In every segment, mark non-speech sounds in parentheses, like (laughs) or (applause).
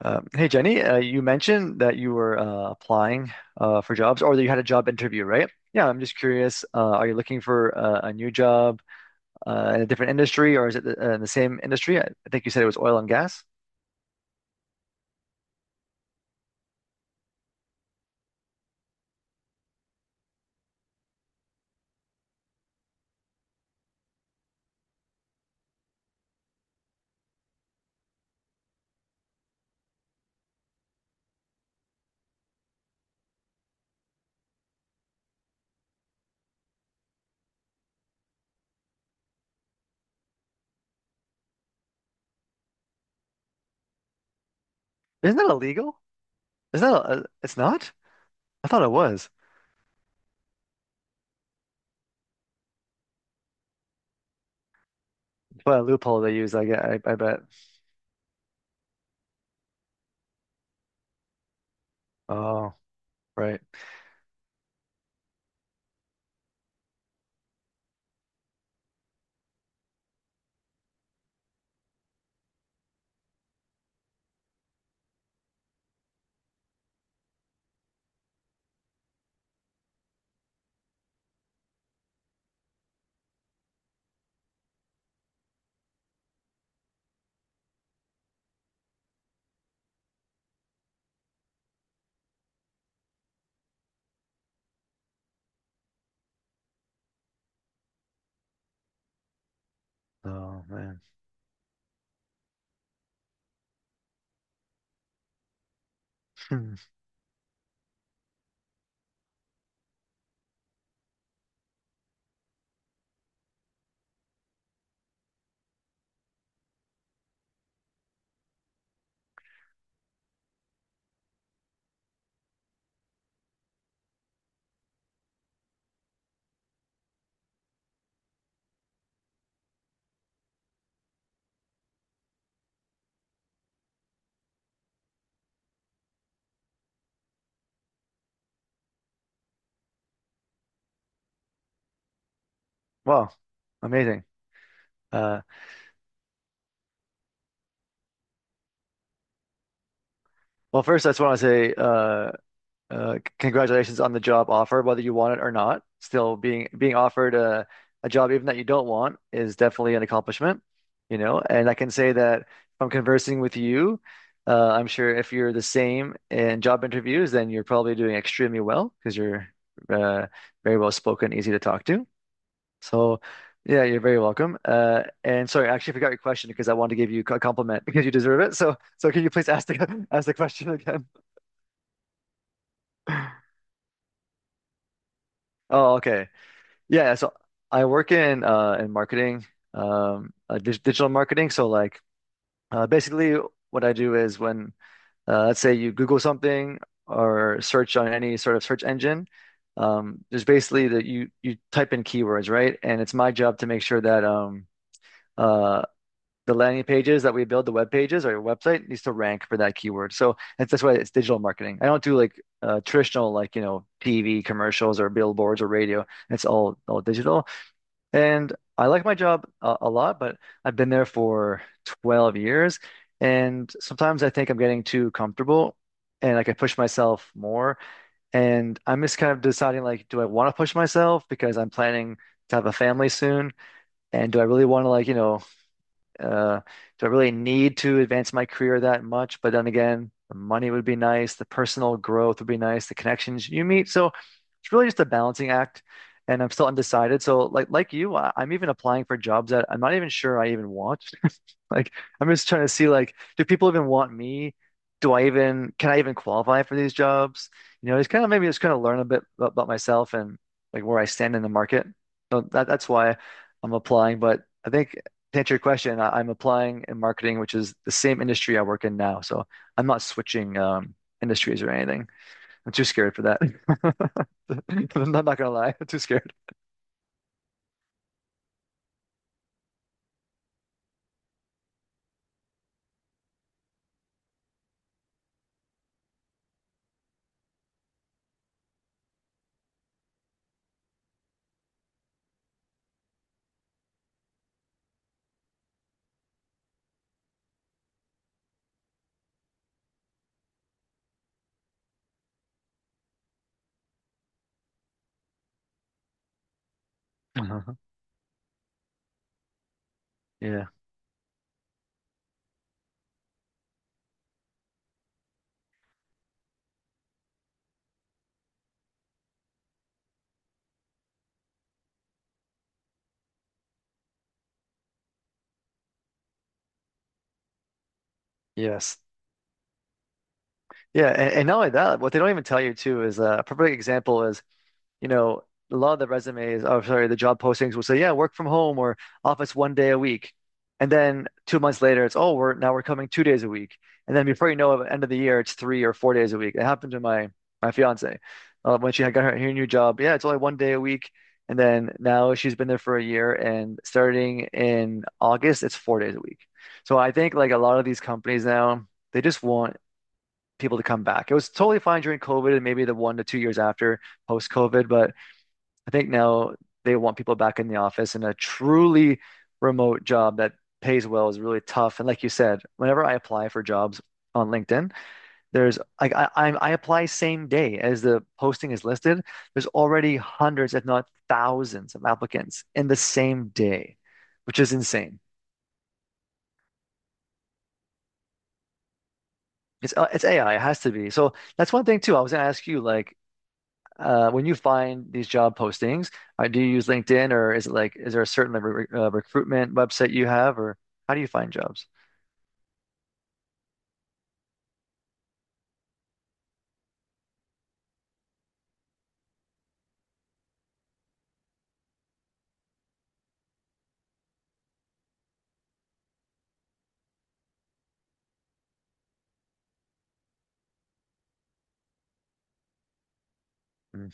Hey Jenny, you mentioned that you were applying for jobs or that you had a job interview, right? Yeah, I'm just curious. Are you looking for a new job in a different industry or is it in the same industry? I think you said it was oil and gas. Isn't that illegal? Is that it's not? I thought it was. What a loophole they use, I bet. Oh, right. Oh man. (laughs) Hmm. Wow, amazing. Uh, well, first, I just want to say congratulations on the job offer, whether you want it or not. Still being offered a job even that you don't want is definitely an accomplishment, you know. And I can say that from conversing with you, I'm sure if you're the same in job interviews, then you're probably doing extremely well because you're uh, very well spoken, easy to talk to. So. Yeah, you're very welcome. And sorry, I actually forgot your question because I wanted to give you a compliment (laughs) because you deserve it. So, can you please ask the (laughs) ask the question again? Oh, okay. Yeah, so I work in marketing, digital marketing. So like basically what I do is when let's say you Google something or search on any sort of search engine, there's basically that you type in keywords, right? And it's my job to make sure that uh the landing pages that we build, the web pages or your website needs to rank for that keyword. So that's why it's digital marketing. I don't do like traditional like, TV commercials or billboards or radio. It's all digital. And I like my job a lot, but I've been there for 12 years. And sometimes I think I'm getting too comfortable and like I can push myself more. And I'm just kind of deciding like, do I want to push myself because I'm planning to have a family soon? And do I really want to like, uh, do I really need to advance my career that much? But then again, the money would be nice, the personal growth would be nice, the connections you meet. So it's really just a balancing act. And I'm still undecided. So like you, I'm even applying for jobs that I'm not even sure I even want. (laughs) Like I'm just trying to see like, do people even want me? Do I even Can I even qualify for these jobs? You know, it's kind of maybe just kind of learn a bit about myself and like where I stand in the market. So that's why I'm applying. But I think to answer your question, I'm applying in marketing, which is the same industry I work in now. So I'm not switching industries or anything. I'm too scared for that. (laughs) I'm not, gonna lie, I'm too scared. Uh-huh. Yeah. Yes. Yeah. And not only that, what they don't even tell you too is a perfect example is, you know, a lot of the resumes, oh, sorry, the job postings will say, yeah, work from home or office one day a week. And then 2 months later, it's, oh, we're coming 2 days a week. And then before you know it, at the end of the year, it's 3 or 4 days a week. It happened to my fiance when she had got her new job. Yeah, it's only one day a week. And then now she's been there for a year, and starting in August, it's 4 days a week. So I think like a lot of these companies now, they just want people to come back. It was totally fine during COVID and maybe the 1 to 2 years after post COVID, but I think now they want people back in the office, and a truly remote job that pays well is really tough. And like you said, whenever I apply for jobs on LinkedIn, there's like I apply same day as the posting is listed. There's already hundreds, if not thousands, of applicants in the same day, which is insane. It's AI. It has to be. So that's one thing too. I was gonna ask you, like, when you find these job postings, do you use LinkedIn or is it like, is there a certain like, re recruitment website you have or how do you find jobs? Mm.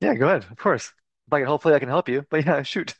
Yeah, go ahead. Of course. Like, hopefully I can help you, but yeah, (laughs) shoot.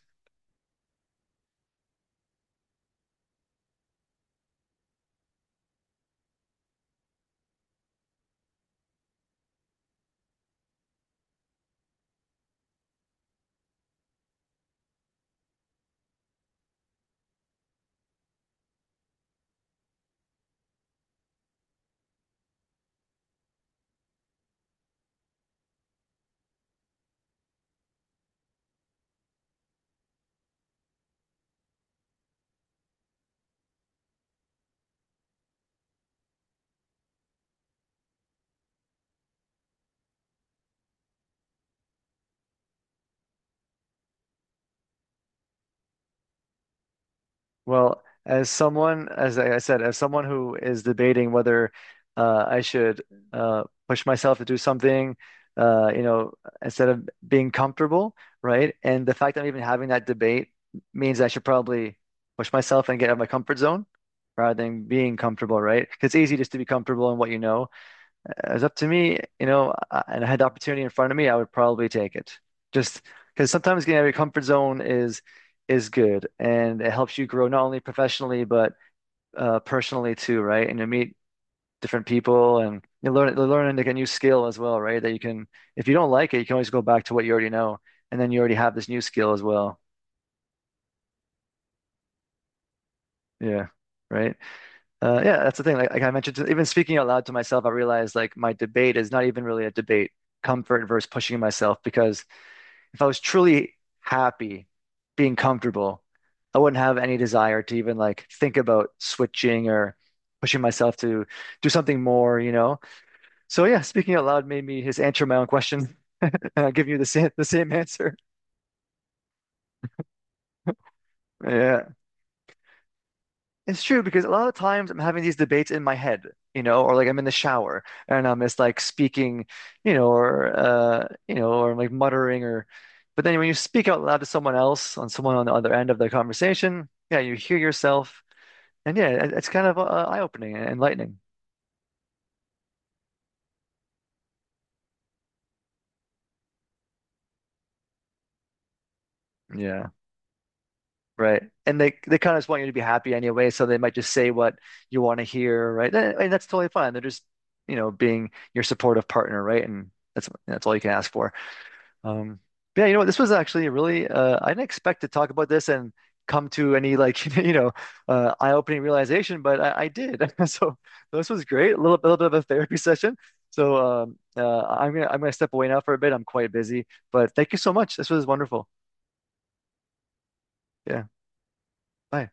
Well, as someone, as I said, as someone who is debating whether I should push myself to do something, uh, you know, instead of being comfortable, right? And the fact that I'm even having that debate means I should probably push myself and get out of my comfort zone rather than being comfortable, right? 'Cause it's easy just to be comfortable in what you know. It's up to me, you know, and I had the opportunity in front of me, I would probably take it. Just because sometimes getting out of your comfort zone is good, and it helps you grow not only professionally but personally too, right? And you meet different people, and you're learning like a new skill as well, right? That you can, if you don't like it, you can always go back to what you already know, and then you already have this new skill as well. Yeah. Right. Yeah, that's the thing. Like, I mentioned, to, even speaking out loud to myself, I realized like my debate is not even really a debate, comfort versus pushing myself because if I was truly happy being comfortable, I wouldn't have any desire to even like think about switching or pushing myself to do something more, you know? So yeah, speaking out loud made me just answer my own question, (laughs) giving you the same answer. Yeah. It's true because a lot of times I'm having these debates in my head, or like I'm in the shower and I'm just like speaking, or or like muttering or but then when you speak out loud to someone else on someone on the other end of the conversation, yeah, you hear yourself and yeah, it's kind of eye-opening and enlightening. Yeah, right. And they kind of just want you to be happy anyway, so they might just say what you want to hear, right? And that's totally fine. They're just, being your supportive partner, right? And that's all you can ask for. Um, but yeah, you know what? This was actually a really I didn't expect to talk about this and come to any like (laughs) eye-opening realization, but I did. (laughs) So this was great. A little bit of a therapy session. So I'm gonna step away now for a bit. I'm quite busy, but thank you so much. This was wonderful. Yeah. Bye.